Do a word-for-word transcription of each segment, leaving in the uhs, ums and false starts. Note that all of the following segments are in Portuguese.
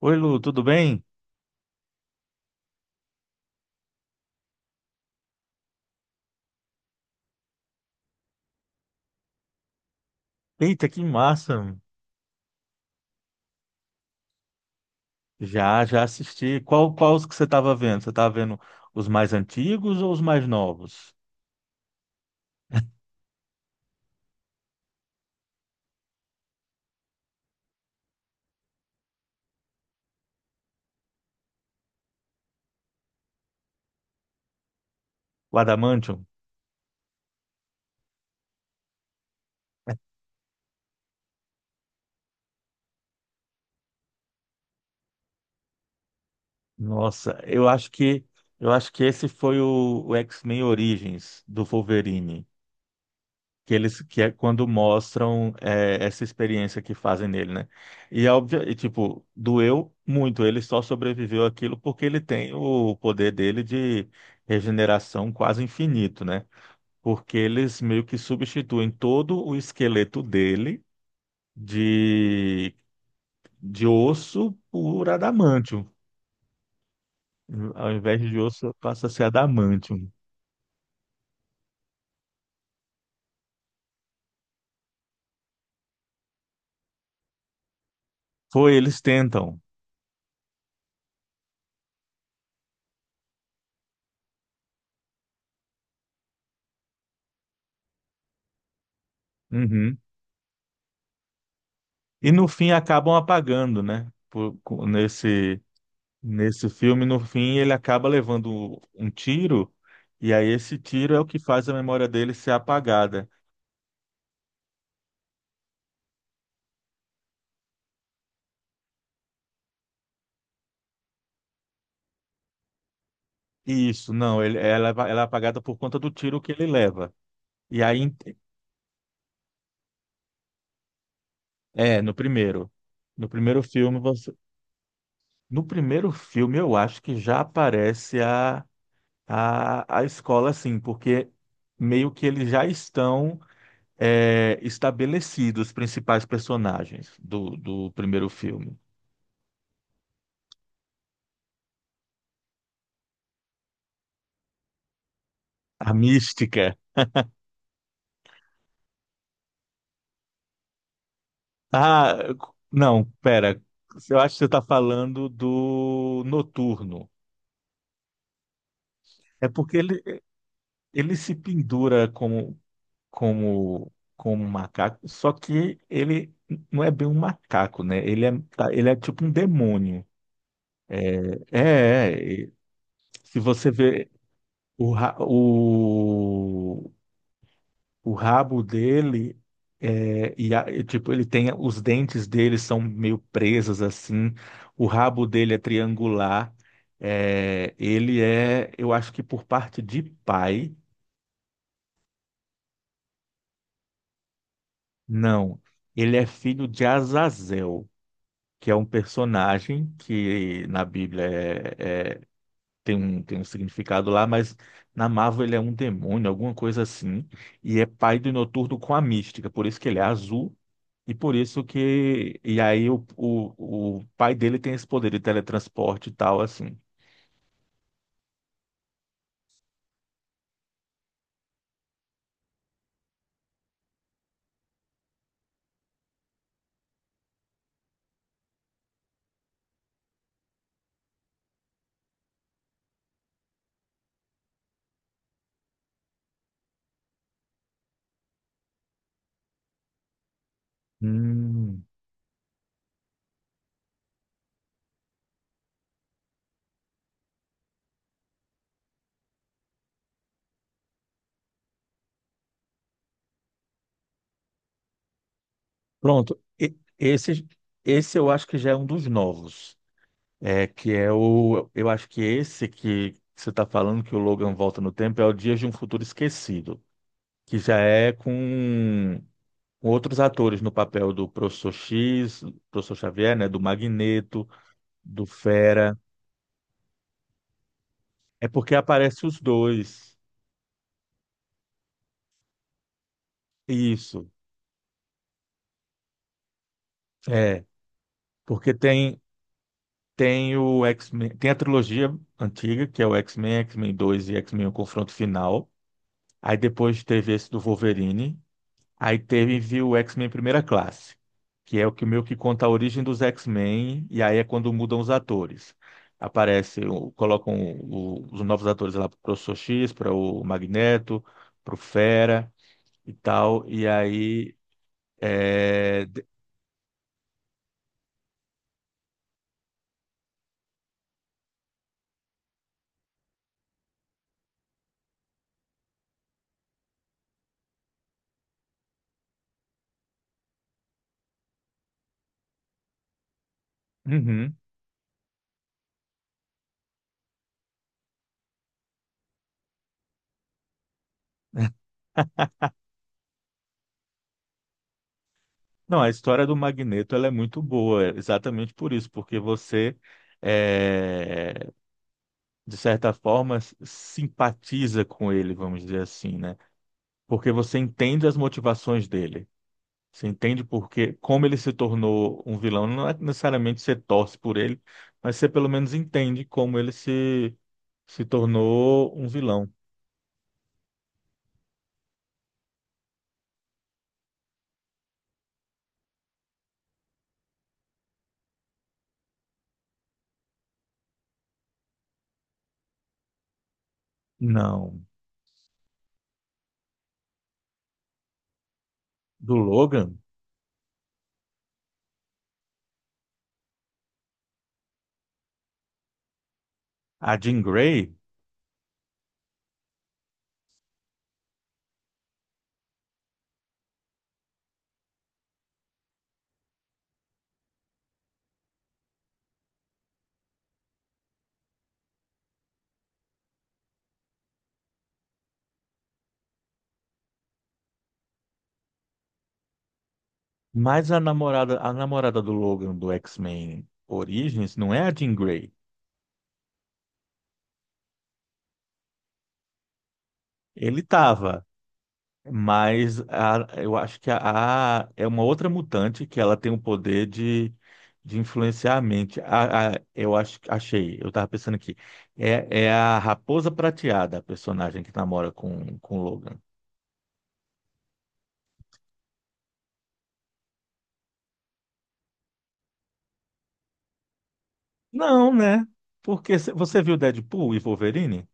Oi, Lu, tudo bem? Eita, que massa! Já, já assisti. Qual, qual os que você estava vendo? Você estava vendo os mais antigos ou os mais novos? O Adamantium? Nossa, eu acho que eu acho que esse foi o, o X-Men Origins do Wolverine, que eles que é quando mostram é, essa experiência que fazem nele, né? E é óbvio, e, tipo, doeu muito. Ele só sobreviveu àquilo porque ele tem o poder dele de regeneração quase infinito, né? Porque eles meio que substituem todo o esqueleto dele de, de osso por adamantium. Ao invés de osso, passa a ser adamantium. Foi, eles tentam. Uhum. E no fim acabam apagando, né? Por- com- nesse, nesse filme, no fim, ele acaba levando um tiro, e aí esse tiro é o que faz a memória dele ser apagada. Isso, não, ele, ela, é, ela é apagada por conta do tiro que ele leva. E aí é, no primeiro. No primeiro filme, você. No primeiro filme, eu acho que já aparece a, a, a escola, assim, porque meio que eles já estão é, estabelecidos, os principais personagens do, do primeiro filme. A Mística. Ah, não, pera. Eu acho que você está falando do Noturno. É porque ele, ele se pendura como como como um macaco, só que ele não é bem um macaco, né? Ele é, tá- ele é tipo um demônio. É, é, é, e se você vê o, ra- o, o rabo dele, é, e a- e, tipo, ele tem os dentes dele são meio presos assim, o rabo dele é triangular, é, ele é, eu acho que por parte de pai, não, ele é filho de Azazel, que é um personagem que na Bíblia é, é- tem um, tem um significado lá, mas na Marvel ele é um demônio, alguma coisa assim, e é pai do Noturno com a Mística, por isso que ele é azul, e por isso que. E aí o, o, o pai dele tem esse poder de teletransporte e tal, assim. Hum, pronto. E- esse, esse eu acho que já é um dos novos. É que é o. Eu acho que esse que você está falando que o Logan volta no tempo é o Dias de um Futuro Esquecido, que já é com outros atores no papel do Professor X, Professor Xavier, né, do Magneto, do Fera. É porque aparece os dois. Isso. É, porque tem tem o X-Men, tem a trilogia antiga, que é o X-Men, X-Men dois e X-Men O Confronto Final. Aí depois teve esse do Wolverine. Aí teve viu, o X-Men Primeira Classe, que é o que meio que conta a origem dos X-Men, e aí é quando mudam os atores. Aparece, o- colocam o- os novos atores lá para o Professor X, para o Magneto, para o Fera e tal. E aí é... de-. Uhum. Não, a história do Magneto ela é muito boa, é exatamente por isso, porque você é, de certa forma s- simpatiza com ele, vamos dizer assim, né? Porque você entende as motivações dele. Você entende porque como ele se tornou um vilão, não é necessariamente você torce por ele, mas você pelo menos entende como ele se, se tornou um vilão. Não, do Logan, a Jean Grey, mas a namorada, a namorada do Logan do X-Men Origins não é a Jean Grey. Ele estava. Mas a- eu acho que a, a- é uma outra mutante que ela tem o poder de, de influenciar a mente. A, a- eu acho, achei, eu estava pensando aqui. É, é a Raposa Prateada, a personagem que namora com, com o Logan. Não, né? Porque se- você viu Deadpool e Wolverine?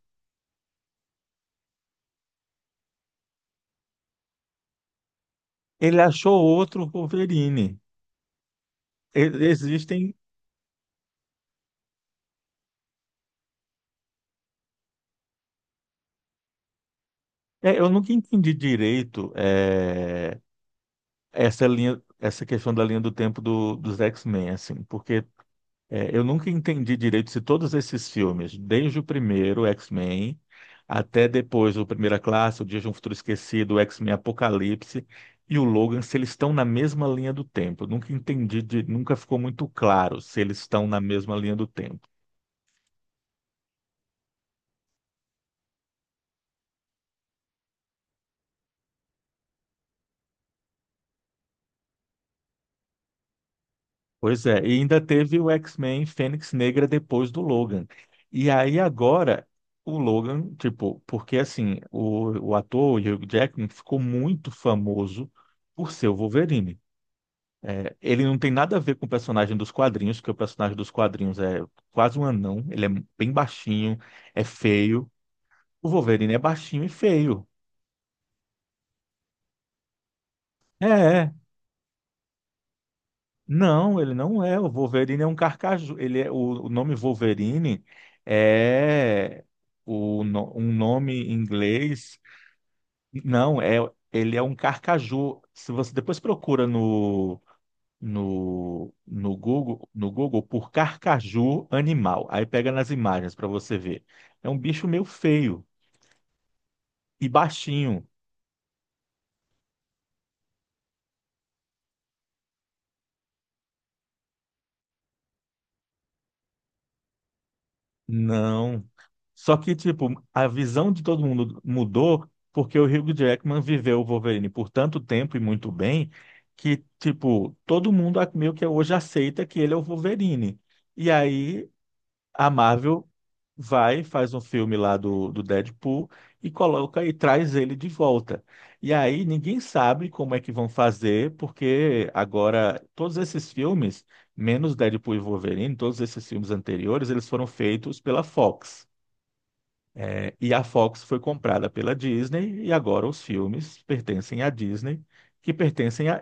Ele achou outro Wolverine. E- Existem. É, eu nunca entendi direito é, essa linha, essa questão da linha do tempo do, dos X-Men, assim, porque é, eu nunca entendi direito se todos esses filmes, desde o primeiro, X-Men, até depois o Primeira Classe, o Dia de um Futuro Esquecido, o X-Men Apocalipse e o Logan, se eles estão na mesma linha do tempo. Eu nunca entendi, de- nunca ficou muito claro se eles estão na mesma linha do tempo. Pois é, e ainda teve o X-Men Fênix Negra depois do Logan. E aí agora, o Logan, tipo, porque assim, o, o ator, o Hugh Jackman, ficou muito famoso por ser o Wolverine. É, ele não tem nada a ver com o personagem dos quadrinhos, porque o personagem dos quadrinhos é quase um anão, ele é bem baixinho, é feio. O Wolverine é baixinho e feio. É, é. Não, ele não é. O Wolverine é um carcaju. Ele é, o, o nome Wolverine é o, no- um nome em inglês. Não, é, ele é um carcaju. Se você depois procura no no, no Google, no Google por carcaju animal. Aí pega nas imagens para você ver. É um bicho meio feio e baixinho. Não. Só que, tipo, a visão de todo mundo mudou porque o Hugh Jackman viveu o Wolverine por tanto tempo e muito bem que, tipo, todo mundo a- meio que hoje aceita que ele é o Wolverine. E aí a Marvel vai, faz um filme lá do, do Deadpool e coloca e traz ele de volta. E aí ninguém sabe como é que vão fazer, porque agora todos esses filmes, menos Deadpool e Wolverine, todos esses filmes anteriores, eles foram feitos pela Fox. É, e a Fox foi comprada pela Disney e agora os filmes pertencem à Disney, que pertencem a,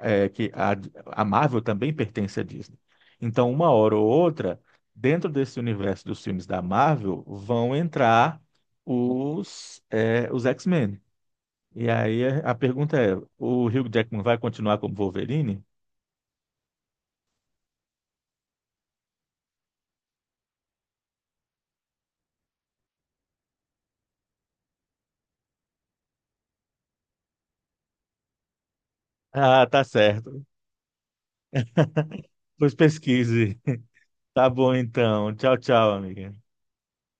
é, que a, a Marvel também pertence à Disney. Então, uma hora ou outra, dentro desse universo dos filmes da Marvel, vão entrar os, é, os X-Men. E aí é, a pergunta é: o Hugh Jackman vai continuar como Wolverine? Ah, tá certo. Pois pesquise. Tá bom então. Tchau, tchau, amiga.